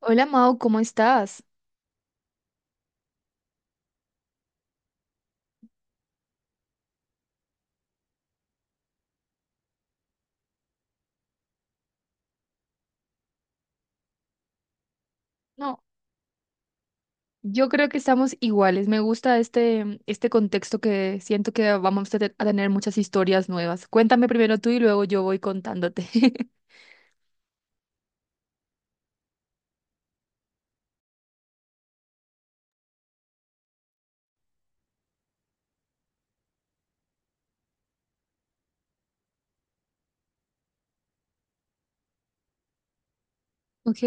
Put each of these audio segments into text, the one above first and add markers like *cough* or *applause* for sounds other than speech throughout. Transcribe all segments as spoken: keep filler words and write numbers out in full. Hola Mau, ¿cómo estás? No, yo creo que estamos iguales. Me gusta este, este contexto que siento que vamos a te- a tener muchas historias nuevas. Cuéntame primero tú y luego yo voy contándote. *laughs* Ok,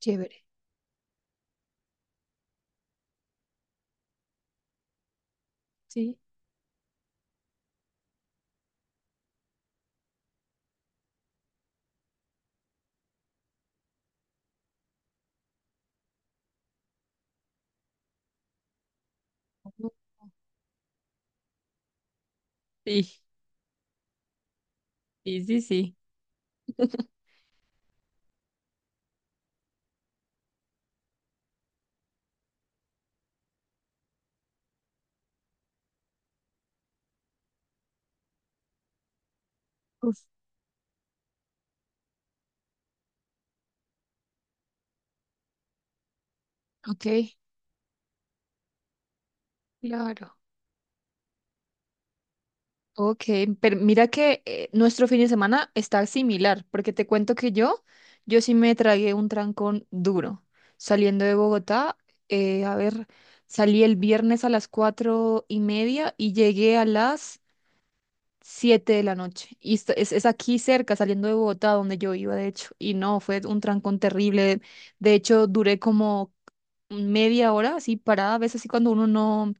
chévere. Sí. Ujú. Sí, sí, sí, sí. Uf, ok, claro. Ok, pero mira que eh, nuestro fin de semana está similar, porque te cuento que yo, yo sí me tragué un trancón duro. Saliendo de Bogotá, eh, a ver, salí el viernes a las cuatro y media y llegué a las siete de la noche. Y esto- es, es aquí cerca, saliendo de Bogotá, donde yo iba, de hecho. Y no, fue un trancón terrible. De hecho, duré como media hora así parada, a veces así cuando uno no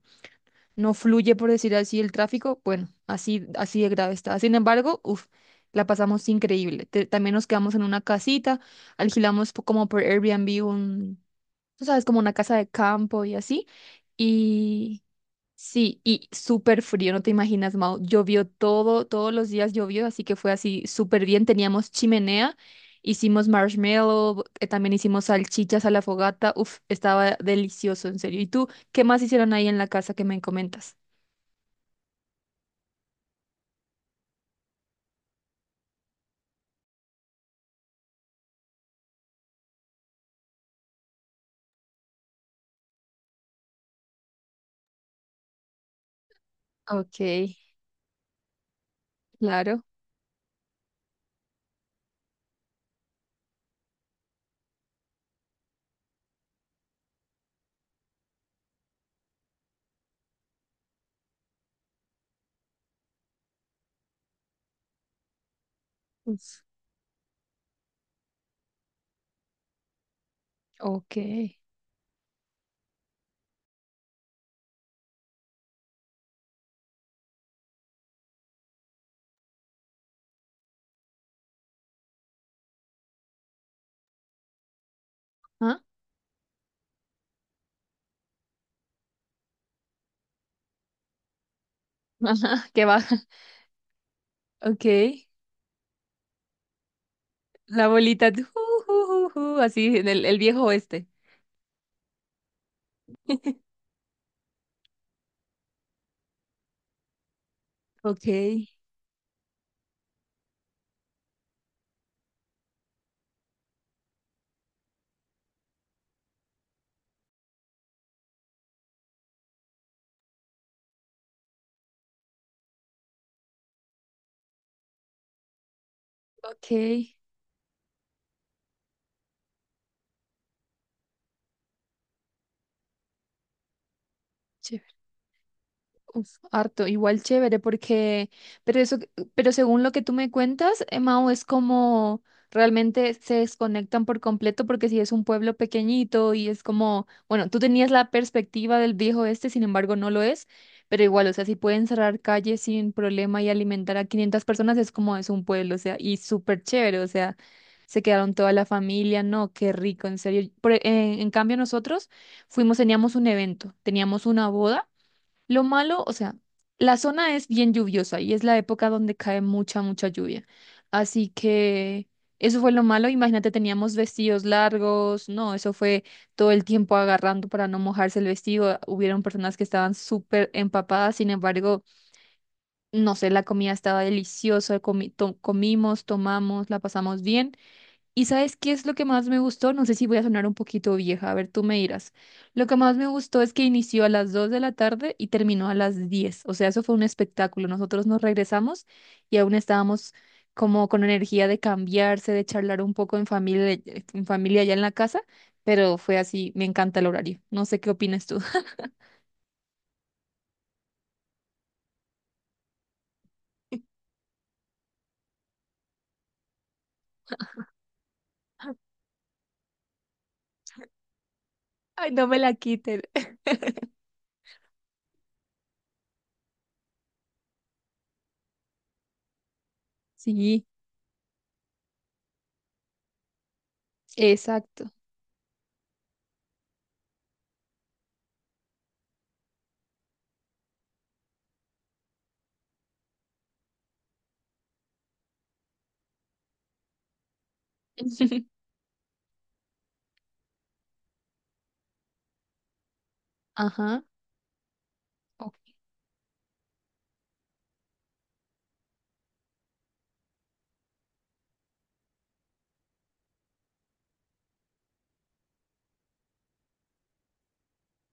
no fluye, por decir así, el tráfico, bueno, así, así de grave está. Sin embargo, uf, la pasamos increíble. Te- también nos quedamos en una casita, alquilamos po- como por Airbnb un, tú sabes, como una casa de campo y así. Y sí, y súper frío, no te imaginas, Mau. Llovió todo, todos los días llovió, así que fue así súper bien. Teníamos chimenea. Hicimos marshmallow, eh, también hicimos salchichas a la fogata. Uf, estaba delicioso, en serio. ¿Y tú qué más hicieron ahí en la casa que me comentas? Ok, claro. Uf, ok. ¿Ah? Ajá, *laughs* qué baja. Ok. La bolita. Ju, ju, ju, ju, así, en el, el viejo oeste. Ok, ok. Uf, harto, igual chévere, porque, pero eso, pero según lo que tú me cuentas, eh, Mao, es como realmente se desconectan por completo, porque si es un pueblo pequeñito y es como, bueno, tú tenías la perspectiva del viejo este, sin embargo no lo es, pero igual, o sea, si pueden cerrar calles sin problema y alimentar a quinientas personas, es como es un pueblo, o sea, y súper chévere, o sea, se quedaron toda la familia, no, qué rico, en serio. Por- en en cambio nosotros fuimos, teníamos un evento, teníamos una boda. Lo malo, o sea, la zona es bien lluviosa y es la época donde cae mucha, mucha lluvia. Así que eso fue lo malo. Imagínate, teníamos vestidos largos, no, eso fue todo el tiempo agarrando para no mojarse el vestido. Hubieron personas que estaban súper empapadas, sin embargo, no sé, la comida estaba deliciosa, comi- to- comimos, tomamos, la pasamos bien. ¿Y sabes qué es lo que más me gustó? No sé si voy a sonar un poquito vieja, a ver, tú me dirás. Lo que más me gustó es que inició a las dos de la tarde y terminó a las diez, o sea, eso fue un espectáculo. Nosotros nos regresamos y aún estábamos como con energía de cambiarse, de charlar un poco en familia, en familia allá en la casa, pero fue así, me encanta el horario. No sé qué opinas tú. *laughs* Ay, no me la quiten. Sí, exacto. *laughs* Ajá. Ok.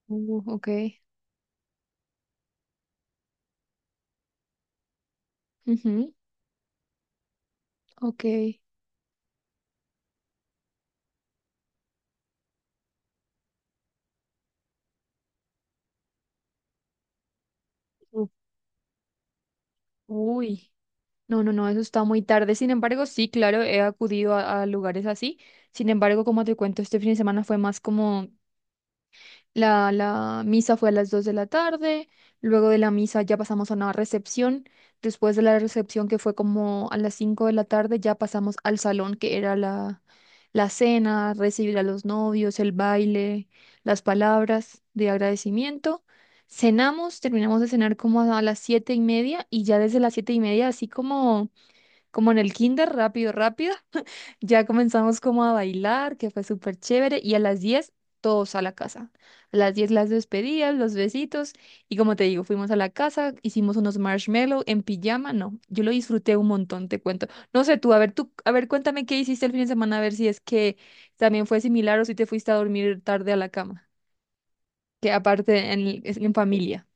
Uh, ok. Ujú, ok. U- Uy. No, no, no, eso está muy tarde. Sin embargo, sí, claro, he acudido a, a lugares así. Sin embargo, como te cuento, este fin de semana fue más como la, la misa fue a las dos de la tarde, luego de la misa ya pasamos a una recepción, después de la recepción que fue como a las cinco de la tarde ya pasamos al salón que era la, la cena, recibir a los novios, el baile, las palabras de agradecimiento. Cenamos, terminamos de cenar como a las siete y media y ya desde las siete y media así como como en el kinder, rápido, rápido. *laughs* Ya comenzamos como a bailar, que fue súper chévere. Y a las diez todos a la casa. A las diez las despedidas, los besitos. Y como te digo, fuimos a la casa, hicimos unos marshmallow en pijama. No, yo lo disfruté un montón, te cuento. No sé tú, a ver, tú, a ver, cuéntame qué hiciste el fin de semana, a ver si es que también fue similar o si te fuiste a dormir tarde a la cama. Que aparte en, en familia.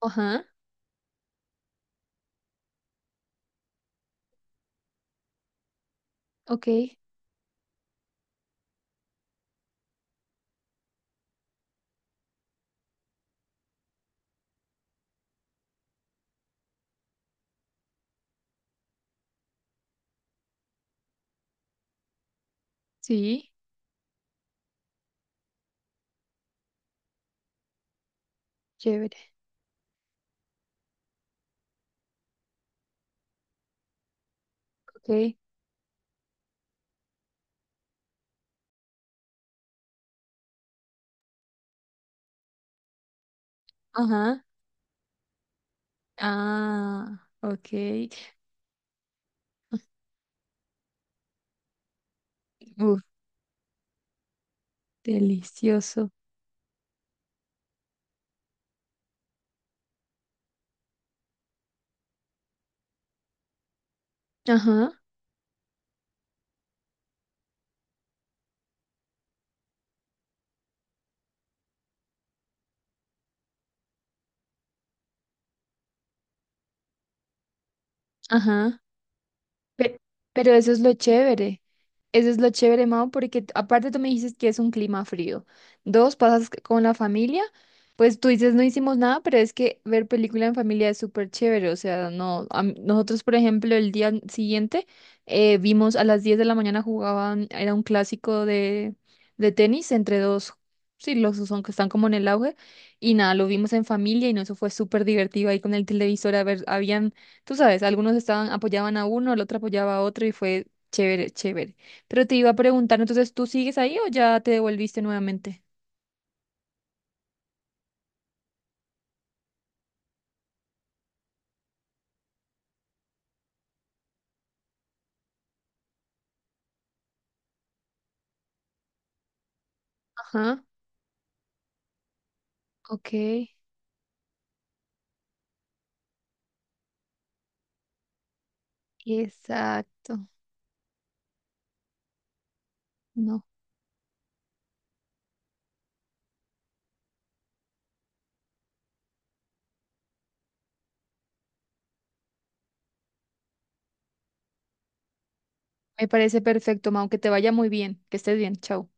Ajá, ok, sí, chévere, ok, ajá. Ah, ok. Uf, delicioso. Ajá, ajá. Pe- Pero, eso es lo chévere. Eso es lo chévere, Mao, porque t- aparte tú me dices que es un clima frío. Dos, pasas c- con la familia, pues tú dices no hicimos nada, pero es que ver película en familia es súper chévere. O sea, no, a mí- nosotros, por ejemplo, el día siguiente eh, vimos a las diez de la mañana jugaban, era un clásico de, de tenis entre dos, sí, los dos son que están como en el auge. Y nada, lo vimos en familia y no, eso fue súper divertido ahí con el televisor. A ver, habían, tú sabes, algunos estaban, apoyaban a uno, el otro apoyaba a otro y fue chévere, chévere. Pero te iba a preguntar, entonces, ¿tú sigues ahí o ya te devolviste nuevamente? Ajá, ok, exacto. No, me parece perfecto, Mau, que te vaya muy bien, que estés bien, chao.